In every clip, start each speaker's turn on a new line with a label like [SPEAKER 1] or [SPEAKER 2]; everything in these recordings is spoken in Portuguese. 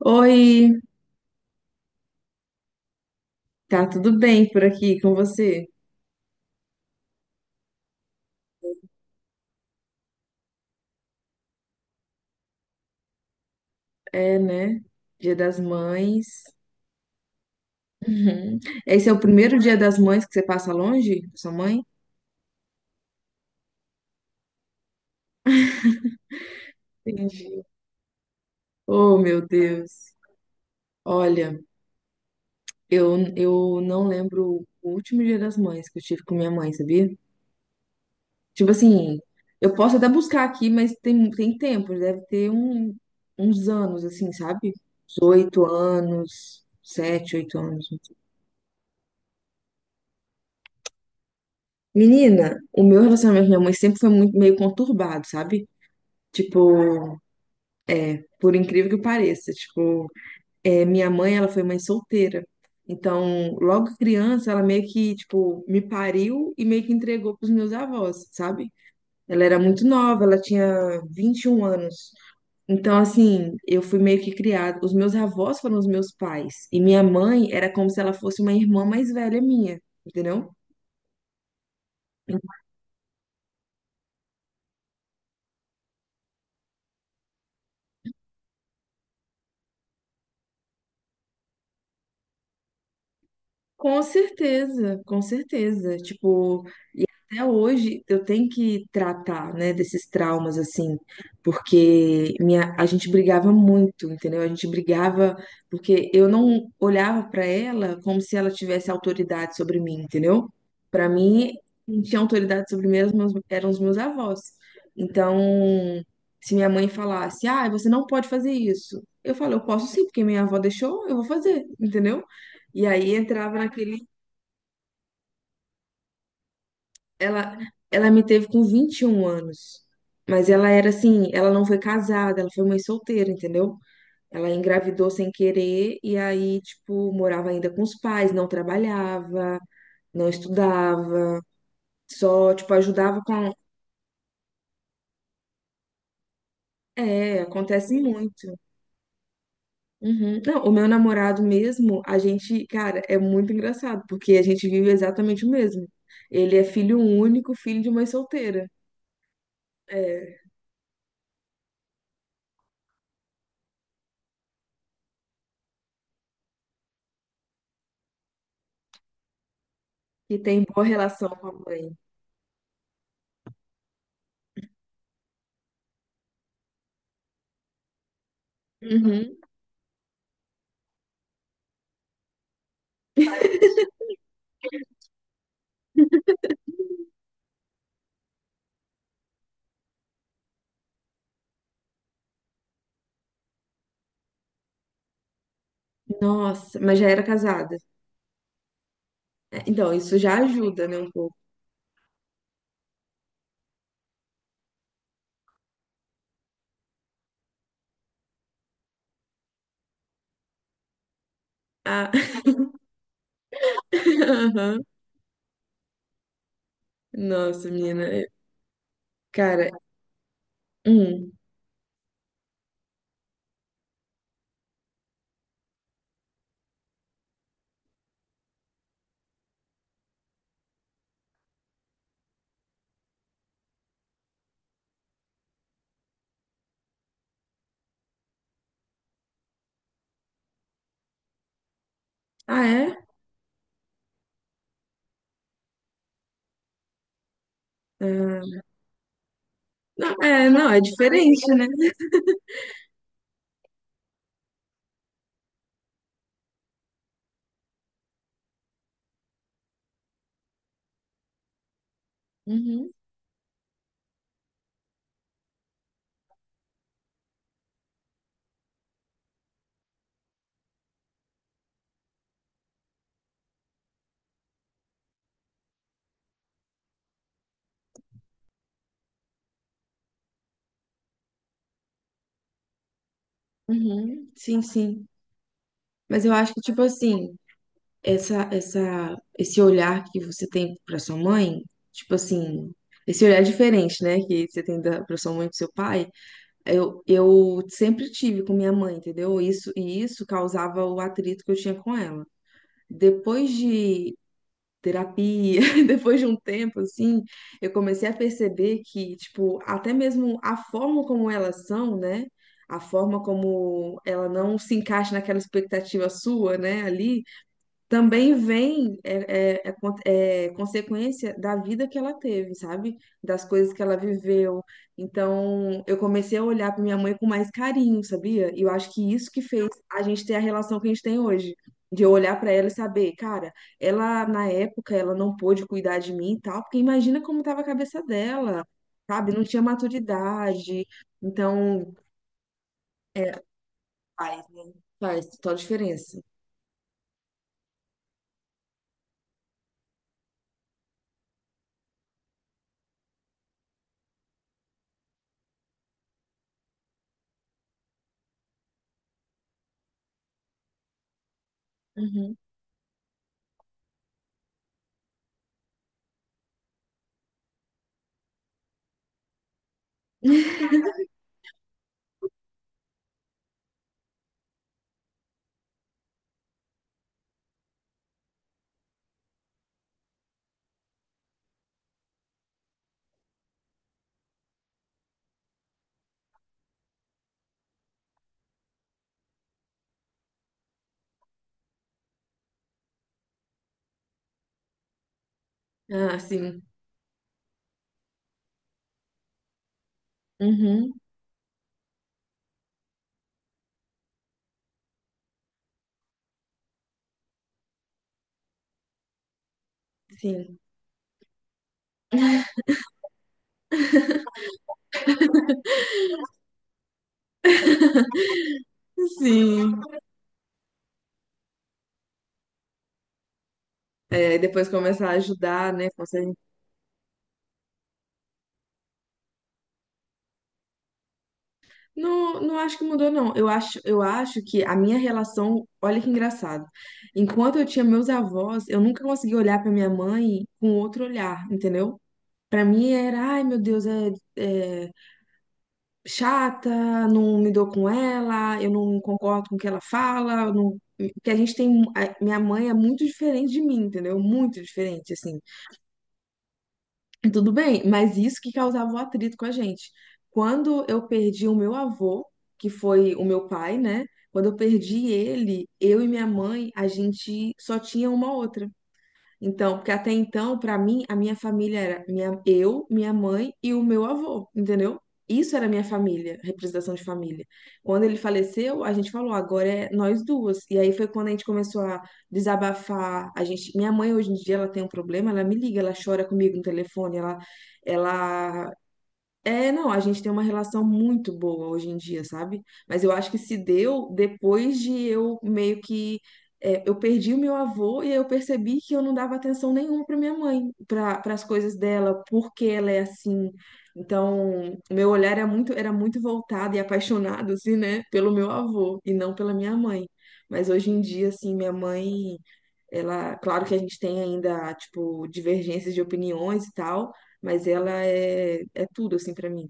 [SPEAKER 1] Oi, tá tudo bem por aqui com você? É, né? Dia das Mães. Uhum. Esse é o primeiro dia das mães que você passa longe da sua mãe? Entendi. Oh, meu Deus. Olha, eu não lembro o último dia das mães que eu tive com minha mãe, sabia? Tipo assim, eu posso até buscar aqui, mas tem tempo, deve ter um, uns anos, assim, sabe? Uns 8 anos, 7, 8 anos. Menina, o meu relacionamento com minha mãe sempre foi muito meio conturbado, sabe? Tipo, por incrível que pareça, tipo, minha mãe, ela foi mãe solteira. Então, logo criança, ela meio que, tipo, me pariu e meio que entregou pros meus avós, sabe? Ela era muito nova, ela tinha 21 anos. Então, assim, eu fui meio que criada. Os meus avós foram os meus pais. E minha mãe era como se ela fosse uma irmã mais velha minha, entendeu? Então, com certeza, com certeza. Tipo, até hoje eu tenho que tratar, né, desses traumas assim, porque a gente brigava muito, entendeu? A gente brigava porque eu não olhava pra ela como se ela tivesse autoridade sobre mim, entendeu? Pra mim, quem tinha autoridade sobre mim eram os meus avós. Então, se minha mãe falasse, ah, você não pode fazer isso, eu falo, eu posso sim, porque minha avó deixou, eu vou fazer, entendeu? E aí entrava naquele. Ela, ela me teve com 21 anos. Mas ela era assim, ela não foi casada, ela foi mãe solteira, entendeu? Ela engravidou sem querer e aí, tipo, morava ainda com os pais, não trabalhava, não estudava, só, tipo, ajudava com. É, acontece muito. Uhum. Não, o meu namorado mesmo, a gente, cara, é muito engraçado, porque a gente vive exatamente o mesmo. Ele é filho único, filho de mãe solteira. É, e tem boa relação com a mãe. Uhum. Nossa, mas já era casada. É, então, isso já ajuda, né, um pouco. Ah, aham. Nossa, menina. Cara, hum. Ah, é? Ah, não, é, não, é diferente, né? Uhum, uhum, sim, sim. Mas eu acho que, tipo assim, esse olhar que você tem pra sua mãe, tipo assim, esse olhar diferente, né, que você tem da, pra sua mãe e pro seu pai, eu sempre tive com minha mãe, entendeu? Isso, e isso causava o atrito que eu tinha com ela. Depois de terapia, depois de um tempo assim, eu comecei a perceber que, tipo, até mesmo a forma como elas são, né? A forma como ela não se encaixa naquela expectativa sua, né, ali, também vem é consequência da vida que ela teve, sabe? Das coisas que ela viveu. Então, eu comecei a olhar para minha mãe com mais carinho, sabia? E eu acho que isso que fez a gente ter a relação que a gente tem hoje. De eu olhar para ela e saber, cara, ela na época ela não pôde cuidar de mim e tal, porque imagina como tava a cabeça dela, sabe? Não tinha maturidade. Então, é, faz, né? Faz total diferença. Uhum. Ah, sim. Uhum, sim. Sim. É, e depois começar a ajudar, né? Consegue... Não, não acho que mudou, não. Eu acho que a minha relação, olha que engraçado. Enquanto eu tinha meus avós, eu nunca consegui olhar pra minha mãe com outro olhar, entendeu? Pra mim era, ai meu Deus, é, chata, não me dou com ela, eu não concordo com o que ela fala, eu não... porque a gente tem. Minha mãe é muito diferente de mim, entendeu? Muito diferente, assim. E tudo bem, mas isso que causava o atrito com a gente. Quando eu perdi o meu avô, que foi o meu pai, né? Quando eu perdi ele, eu e minha mãe, a gente só tinha uma outra. Então, porque até então, pra mim, a minha família era minha, eu, minha mãe e o meu avô, entendeu? Isso era minha família, representação de família. Quando ele faleceu, a gente falou, agora é nós duas. E aí foi quando a gente começou a desabafar. A gente, minha mãe hoje em dia ela tem um problema, ela me liga, ela chora comigo no telefone, ela é, não, a gente tem uma relação muito boa hoje em dia, sabe? Mas eu acho que se deu depois de eu meio que. É, eu perdi o meu avô e aí eu percebi que eu não dava atenção nenhuma para minha mãe, para as coisas dela, porque ela é assim. Então, meu olhar era muito voltado e apaixonado, assim, né, pelo meu avô e não pela minha mãe. Mas hoje em dia, assim, minha mãe. Ela, claro que a gente tem ainda, tipo, divergências de opiniões e tal, mas ela é tudo, assim, pra mim.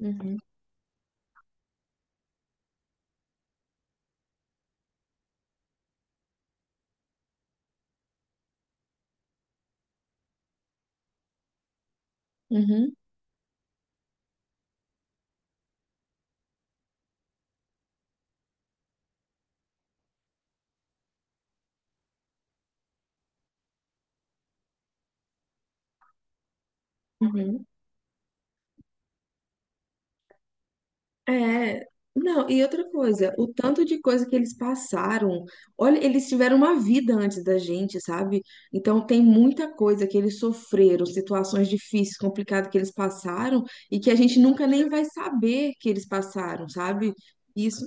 [SPEAKER 1] Uhum, uhum, uhum. É, não, e outra coisa, o tanto de coisa que eles passaram, olha, eles tiveram uma vida antes da gente, sabe? Então tem muita coisa que eles sofreram, situações difíceis, complicadas que eles passaram e que a gente nunca nem vai saber que eles passaram, sabe? Isso.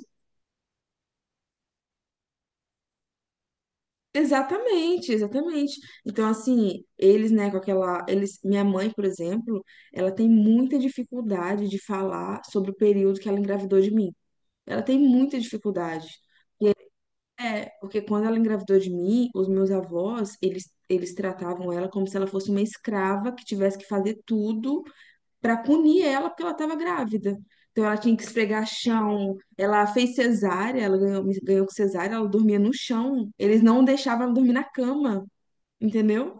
[SPEAKER 1] Exatamente, exatamente. Então, assim, eles, né, com aquela, eles, minha mãe, por exemplo, ela tem muita dificuldade de falar sobre o período que ela engravidou de mim. Ela tem muita dificuldade. É, porque quando ela engravidou de mim, os meus avós, eles tratavam ela como se ela fosse uma escrava que tivesse que fazer tudo para punir ela porque ela estava grávida. Então ela tinha que esfregar chão, ela fez cesárea, ela ganhou com cesárea, ela dormia no chão. Eles não deixavam ela dormir na cama, entendeu?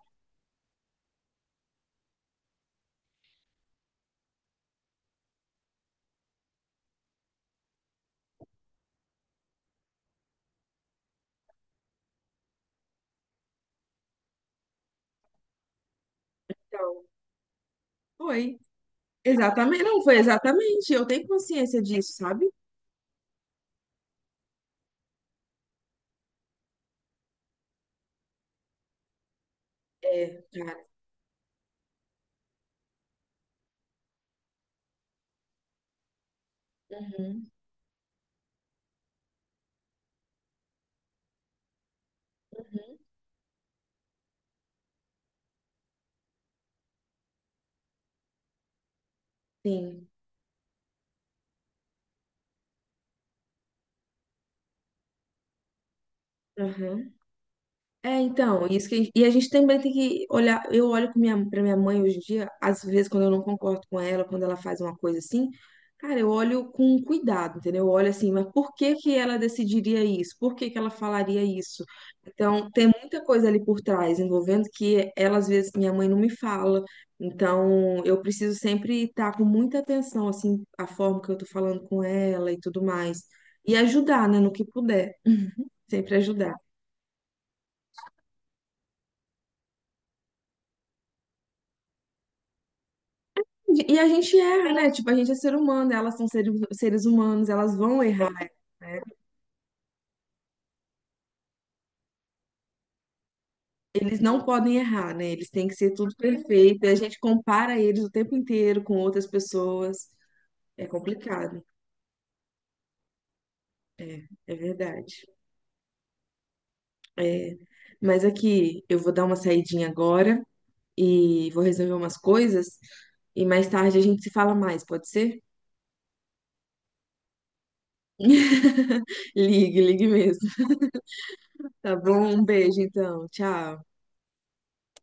[SPEAKER 1] Então, foi. Exatamente, não, foi exatamente. Eu tenho consciência disso, sabe? É, cara. Uhum, sim. Aham. É, então, isso que, e a gente também tem que olhar. Eu olho pra minha mãe hoje em dia, às vezes, quando eu não concordo com ela, quando ela faz uma coisa assim, cara, eu olho com cuidado, entendeu? Eu olho assim, mas por que que ela decidiria isso? Por que que ela falaria isso? Então, tem muita coisa ali por trás, envolvendo que ela, às vezes, minha mãe não me fala. Então, eu preciso sempre estar com muita atenção, assim, a forma que eu tô falando com ela e tudo mais. E ajudar, né, no que puder. Sempre ajudar. E a gente erra, né? Tipo, a gente é ser humano, elas são seres humanos, elas vão errar. Né? Eles não podem errar, né? Eles têm que ser tudo perfeito. E a gente compara eles o tempo inteiro com outras pessoas. É complicado. É, é verdade. É. Mas aqui, eu vou dar uma saidinha agora e vou resolver umas coisas. E mais tarde a gente se fala mais, pode ser? Ligue, ligue mesmo. Tá bom? Um beijo, então. Tchau.